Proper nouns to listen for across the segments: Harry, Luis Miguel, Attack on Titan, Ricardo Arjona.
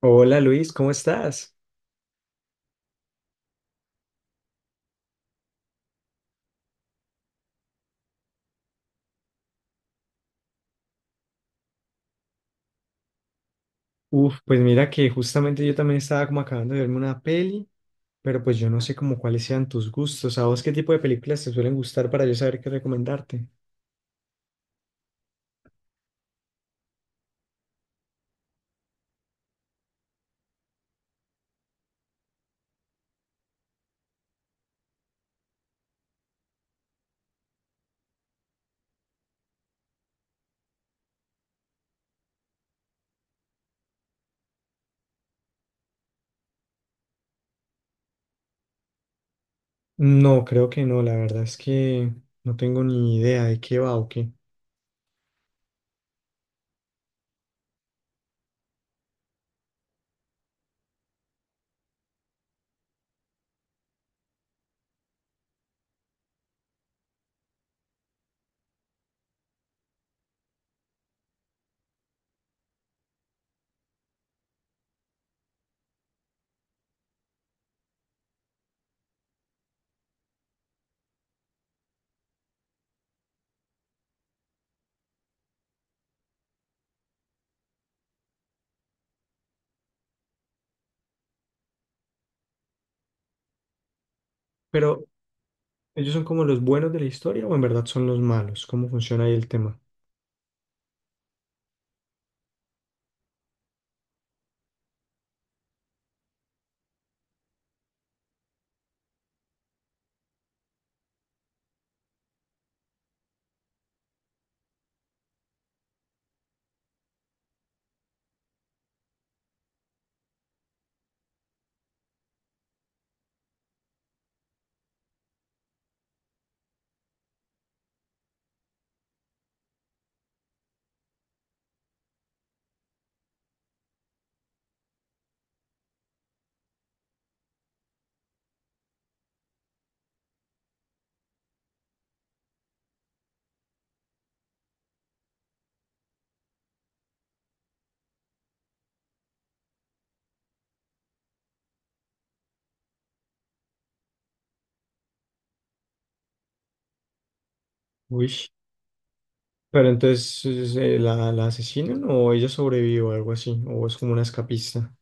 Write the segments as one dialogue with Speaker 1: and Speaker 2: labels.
Speaker 1: Hola Luis, ¿cómo estás? Uf, pues mira que justamente yo también estaba como acabando de verme una peli, pero pues yo no sé como cuáles sean tus gustos. ¿A vos qué tipo de películas te suelen gustar para yo saber qué recomendarte? No, creo que no, la verdad es que no tengo ni idea de qué va o qué. Pero, ¿ellos son como los buenos de la historia o en verdad son los malos? ¿Cómo funciona ahí el tema? Uy, pero entonces, ¿la asesinan o ella sobrevive o algo así? ¿O es como una escapista?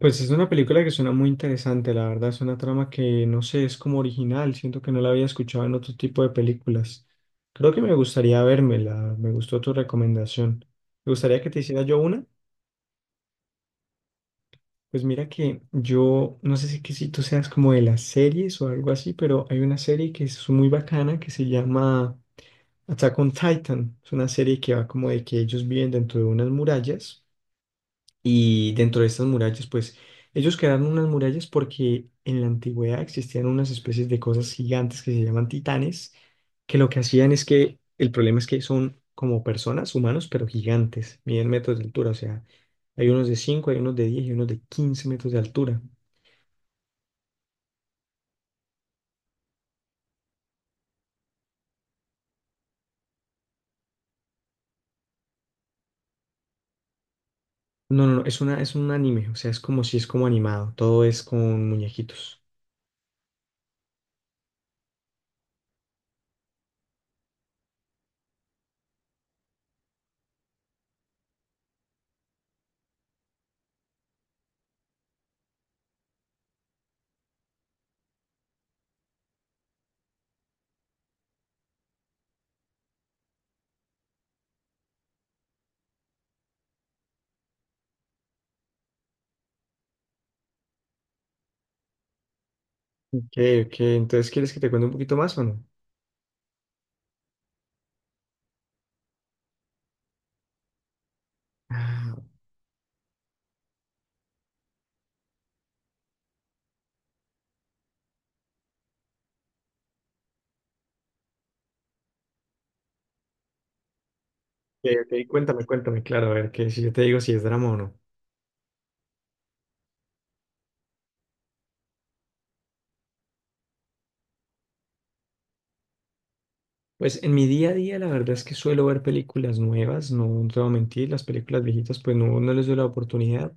Speaker 1: Pues es una película que suena muy interesante, la verdad, es una trama que no sé, es como original, siento que no la había escuchado en otro tipo de películas. Creo que me gustaría vérmela, me gustó tu recomendación. Me gustaría que te hiciera yo una. Pues mira que yo, no sé si, que si tú seas como de las series o algo así, pero hay una serie que es muy bacana que se llama Attack on Titan. Es una serie que va como de que ellos viven dentro de unas murallas. Y dentro de estas murallas, pues ellos crearon unas murallas porque en la antigüedad existían unas especies de cosas gigantes que se llaman titanes, que lo que hacían es que el problema es que son como personas, humanos, pero gigantes, miden metros de altura, o sea, hay unos de 5, hay unos de 10 y unos de 15 metros de altura. No, no, no, es un anime, o sea, es como si es como animado, todo es con muñequitos. Ok, ok, entonces ¿quieres que te cuente un poquito más o no? Ah, ok, ok, cuéntame, cuéntame, claro, a ver, que si yo te digo si es drama o no. Pues en mi día a día la verdad es que suelo ver películas nuevas, no, no te voy a mentir, las películas viejitas pues no, no les doy la oportunidad.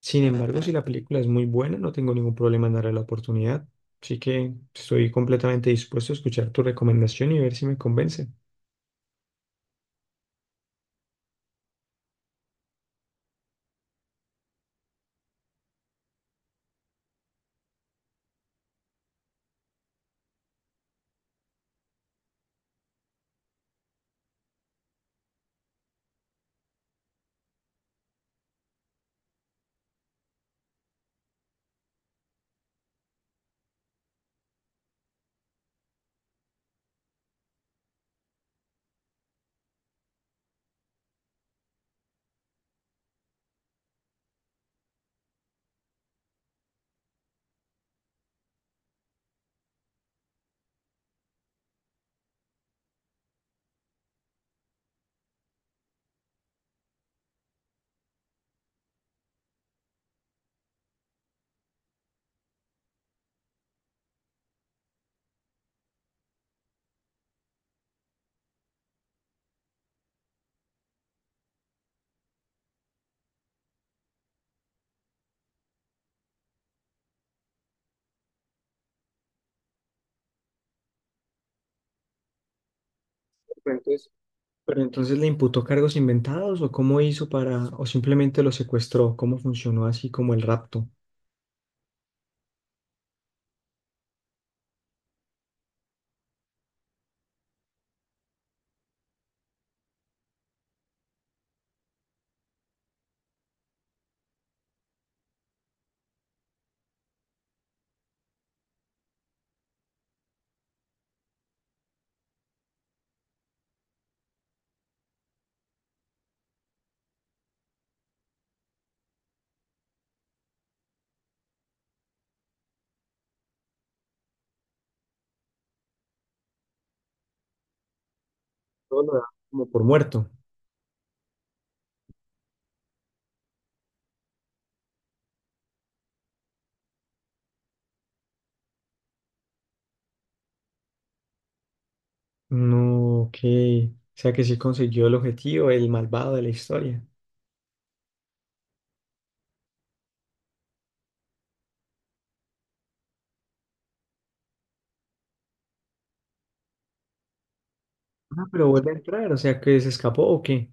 Speaker 1: Sin embargo, si la película es muy buena, no tengo ningún problema en darle la oportunidad. Así que estoy completamente dispuesto a escuchar tu recomendación y ver si me convence. Pero entonces, pero entonces le imputó cargos inventados o cómo hizo para, o simplemente lo secuestró, cómo funcionó así como el rapto. Todo lo da como por muerto. No, ok. O sea que sí consiguió el objetivo, el malvado de la historia. Ah, pero vuelve a entrar, o sea, que se escapó o qué.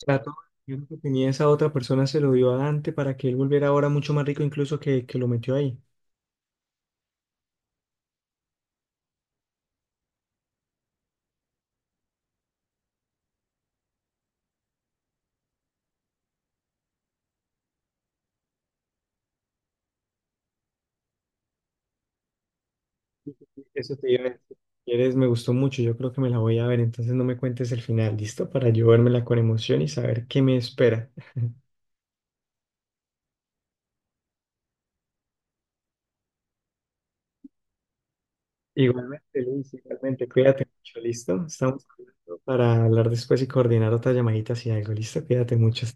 Speaker 1: O sea, todo el dinero que tenía esa otra persona se lo dio a Dante para que él volviera ahora mucho más rico incluso que lo metió ahí. Eso te iba a decir. Si quieres, me gustó mucho, yo creo que me la voy a ver, entonces no me cuentes el final, ¿listo? Para yo vérmela con emoción y saber qué me espera. Igualmente, Luis, igualmente, cuídate mucho, ¿listo? Estamos hablando para hablar después y coordinar otra llamadita si algo, ¿listo? Cuídate mucho.